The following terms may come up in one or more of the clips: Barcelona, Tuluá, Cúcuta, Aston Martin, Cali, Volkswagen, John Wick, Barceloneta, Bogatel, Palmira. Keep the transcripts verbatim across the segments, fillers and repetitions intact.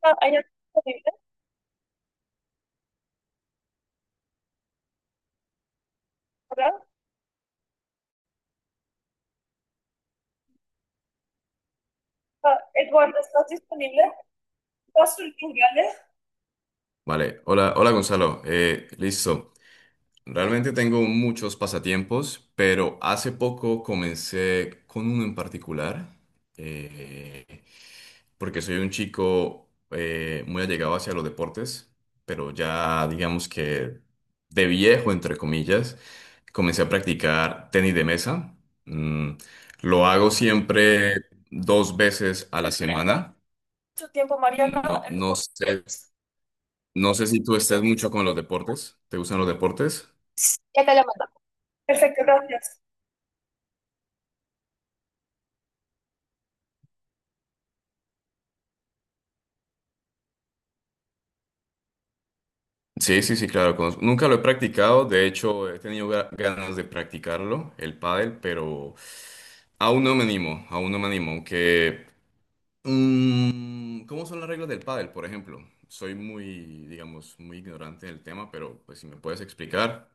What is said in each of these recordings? Sea, hay otros disponibles, ¿verdad? O Eduardo, ¿estás disponible? ¿Estás disponible? Vale, hola, hola Gonzalo. Eh, listo. Realmente tengo muchos pasatiempos, pero hace poco comencé con uno en particular, eh, porque soy un chico eh, muy allegado hacia los deportes, pero ya digamos que de viejo, entre comillas, comencé a practicar tenis de mesa. Mm, lo hago siempre dos veces a la semana. Mucho tiempo, Mariano. No, no sé, no sé si tú estás mucho con los deportes. ¿Te gustan los deportes? Ya te llamo. Perfecto, gracias. Sí, sí, sí, claro. Conozco. Nunca lo he practicado. De hecho, he tenido ga- ganas de practicarlo, el pádel, pero aún no me animo, aún no me animo. Aunque, mm, ¿cómo son las reglas del pádel, por ejemplo? Soy muy, digamos, muy ignorante del tema, pero pues si me puedes explicar.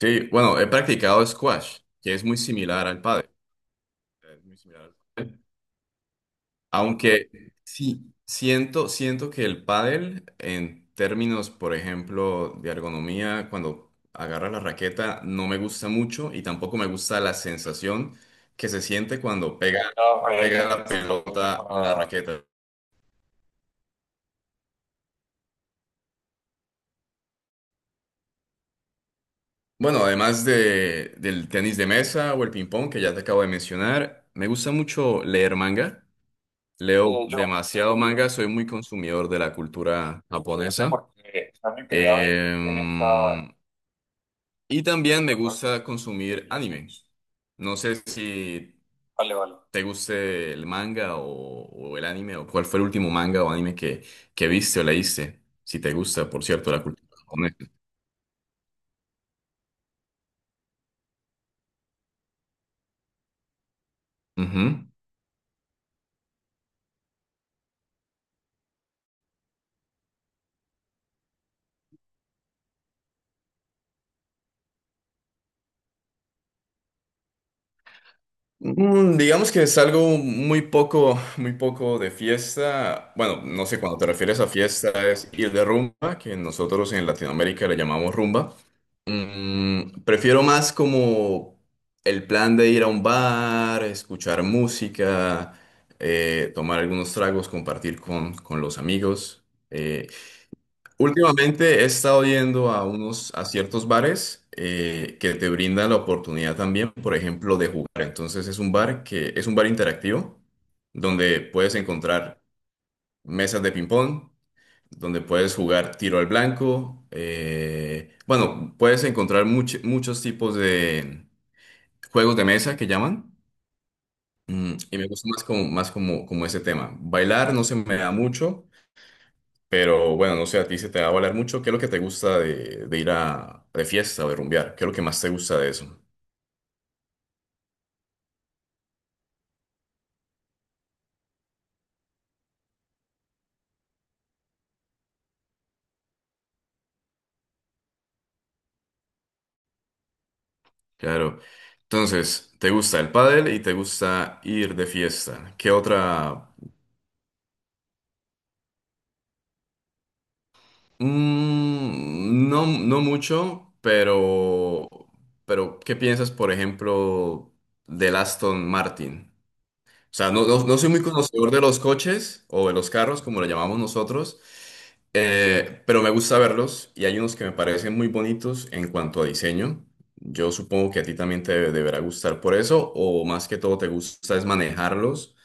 Sí, bueno, he practicado squash, que es muy similar al pádel. Es muy similar al pádel. Aunque sí, siento, siento que el pádel, en términos, por ejemplo, de ergonomía, cuando agarra la raqueta, no me gusta mucho y tampoco me gusta la sensación que se siente cuando pega, pega la pelota a la raqueta. Bueno, además de, del tenis de mesa o el ping-pong que ya te acabo de mencionar, me gusta mucho leer manga. Leo demasiado manga, soy muy consumidor de la cultura japonesa. Em, Y también me Vale, gusta consumir anime. No sé si vale. vale. te guste el manga o, o el anime, o cuál fue el último manga o anime que, que viste o leíste. Si te gusta, por cierto, la cultura japonesa. Ujú. Mm, digamos que es algo muy poco, muy poco de fiesta. Bueno, no sé, cuando te refieres a fiesta es ir de rumba, que nosotros en Latinoamérica le llamamos rumba. Mm, prefiero más como el plan de ir a un bar, escuchar música, eh, tomar algunos tragos, compartir con, con los amigos. Eh, últimamente he estado yendo a unos, a ciertos bares eh, que te brindan la oportunidad también, por ejemplo, de jugar. Entonces es un bar que es un bar interactivo donde puedes encontrar mesas de ping-pong donde puedes jugar tiro al blanco. eh, bueno, puedes encontrar much- muchos tipos de juegos de mesa que llaman. mm, y me gusta más como, más como, como ese tema. Bailar no se me da mucho, pero bueno, no sé, a ti se te va a bailar mucho. ¿Qué es lo que te gusta de, de ir a de fiesta o de rumbear? ¿Qué es lo que más te gusta de eso? Claro. Entonces, te gusta el pádel y te gusta ir de fiesta. ¿Qué otra? Mm, no, no mucho, pero, pero ¿qué piensas, por ejemplo, del Aston Martin? O sea, no, no, no soy muy conocedor de los coches o de los carros, como lo llamamos nosotros, eh, pero me gusta verlos y hay unos que me parecen muy bonitos en cuanto a diseño. Yo supongo que a ti también te debe- deberá gustar por eso, o más que todo te gusta es manejarlos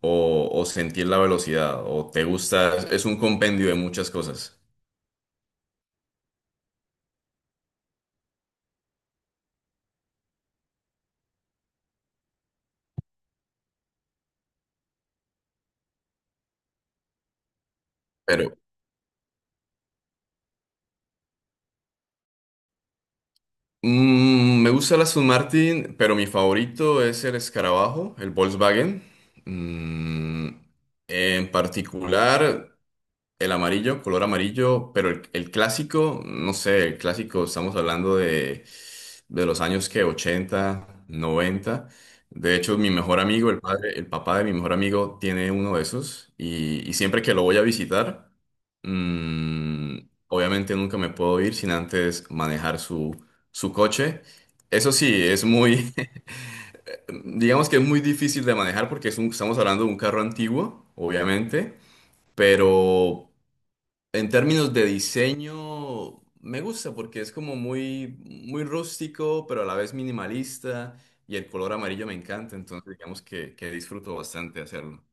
o, o sentir la velocidad, o te gusta, es un compendio de muchas cosas. Mm, me gusta la Aston Martin, pero mi favorito es el escarabajo, el Volkswagen. Mm, en particular. El amarillo, color amarillo, pero el, el clásico, no sé, el clásico, estamos hablando de, de los años que ochenta noventa. De hecho, mi mejor amigo, el padre, el papá de mi mejor amigo, tiene uno de esos y, y siempre que lo voy a visitar, mm, obviamente nunca me puedo ir sin antes manejar su, su coche. Eso sí, es muy, digamos que es muy difícil de manejar porque es un- estamos hablando de un carro antiguo, obviamente, pero en términos de diseño, me gusta porque es como muy, muy rústico, pero a la vez minimalista y el color amarillo me encanta, entonces digamos que, que disfruto bastante hacerlo.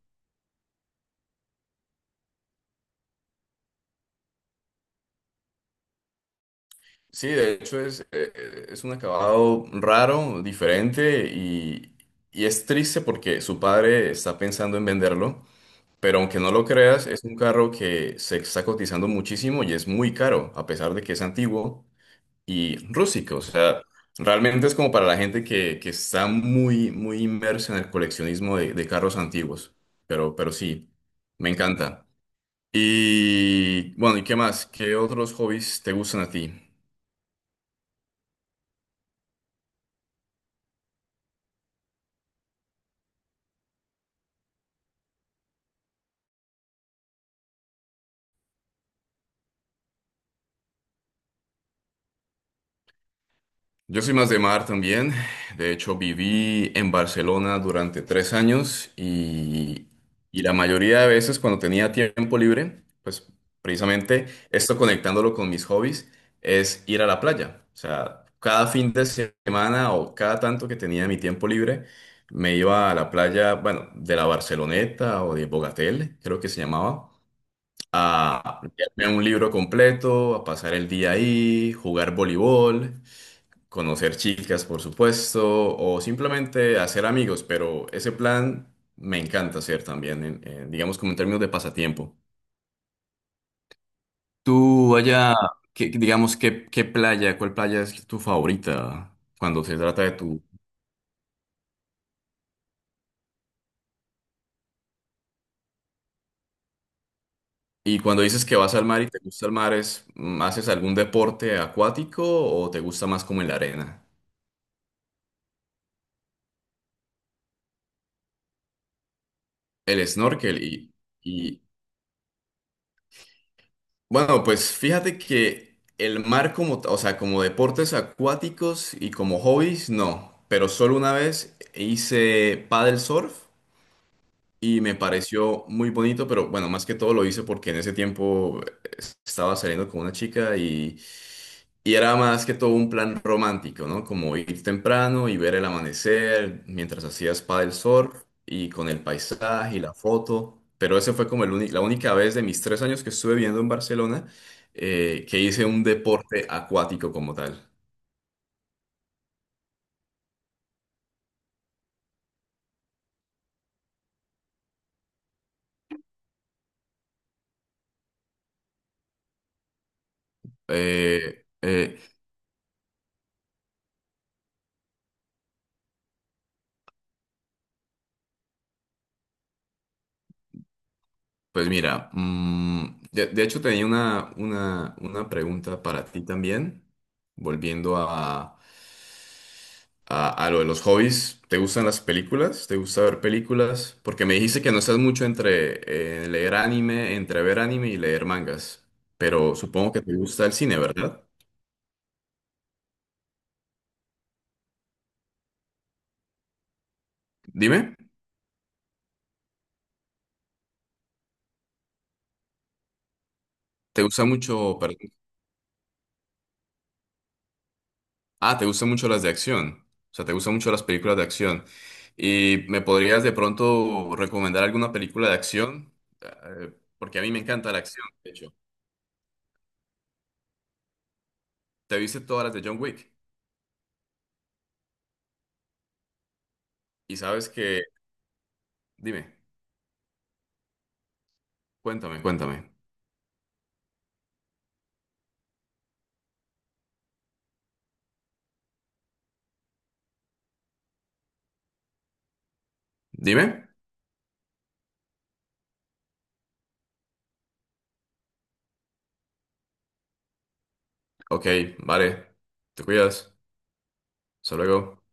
Sí, de hecho es, eh, eh, es un acabado raro, diferente y, y es triste porque su padre está pensando en venderlo, pero aunque no lo creas, es un carro que se está cotizando muchísimo y es muy caro, a pesar de que es antiguo y rústico. O sea, realmente es como para la gente que, que está muy, muy inmersa en el coleccionismo de, de carros antiguos. Pero, pero sí, me encanta. Y bueno, ¿y qué más? ¿Qué otros hobbies te gustan a ti? Yo soy más de mar también. De hecho, viví en Barcelona durante tres años y, y la mayoría de veces cuando tenía tiempo libre, pues precisamente esto conectándolo con mis hobbies es ir a la playa. O sea, cada fin de semana o cada tanto que tenía mi tiempo libre, me iba a la playa, bueno, de la Barceloneta o de Bogatel, creo que se llamaba, a leerme un libro completo, a pasar el día ahí, jugar voleibol, conocer chicas, por supuesto, o simplemente hacer amigos, pero ese plan me encanta hacer también, en- en, digamos como en términos de pasatiempo. Tú allá, ¿qué- digamos, qué, qué playa, cuál playa es tu favorita cuando se trata de tu... Y cuando dices que vas al mar y te gusta el mar, es, mm, ¿haces algún deporte acuático o te gusta más como en la arena? El snorkel y, y, bueno, pues fíjate que el mar como, ta- o sea, como deportes acuáticos y como hobbies, no. Pero solo una vez hice paddle surf y me pareció muy bonito, pero bueno, más que todo lo hice porque en ese tiempo eh, estaba saliendo con una chica y era más que todo un plan romántico, ¿no? Como ir temprano y ver el amanecer mientras hacías paddle surf y con el paisaje y la foto. Pero ese fue como el uni- la única vez de mis tres años que estuve viviendo en Barcelona eh, que hice un deporte acuático como tal. Eh, eh, pues mira, mm, de, de hecho tenía una, una, una pregunta para ti también, volviendo a... a, a lo de los hobbies, ¿te gustan las películas? ¿Te gusta ver películas? Porque me dijiste que no estás mucho entre eh, leer anime, entre ver anime y leer mangas, pero supongo que te gusta el cine, ¿verdad? Dime, ¿te gusta mucho, perdón, ah, te gustan mucho las de acción? O sea, ¿te gustan mucho las películas de acción? ¿Y me podrías de pronto recomendar alguna película de acción? Eh, porque a mí me encanta la acción, de hecho. ¿Te viste todas las de John Wick? Y sabes que, dime, cuéntame, cuéntame. Dime. Ok, vale. Te cuidas. Hasta luego.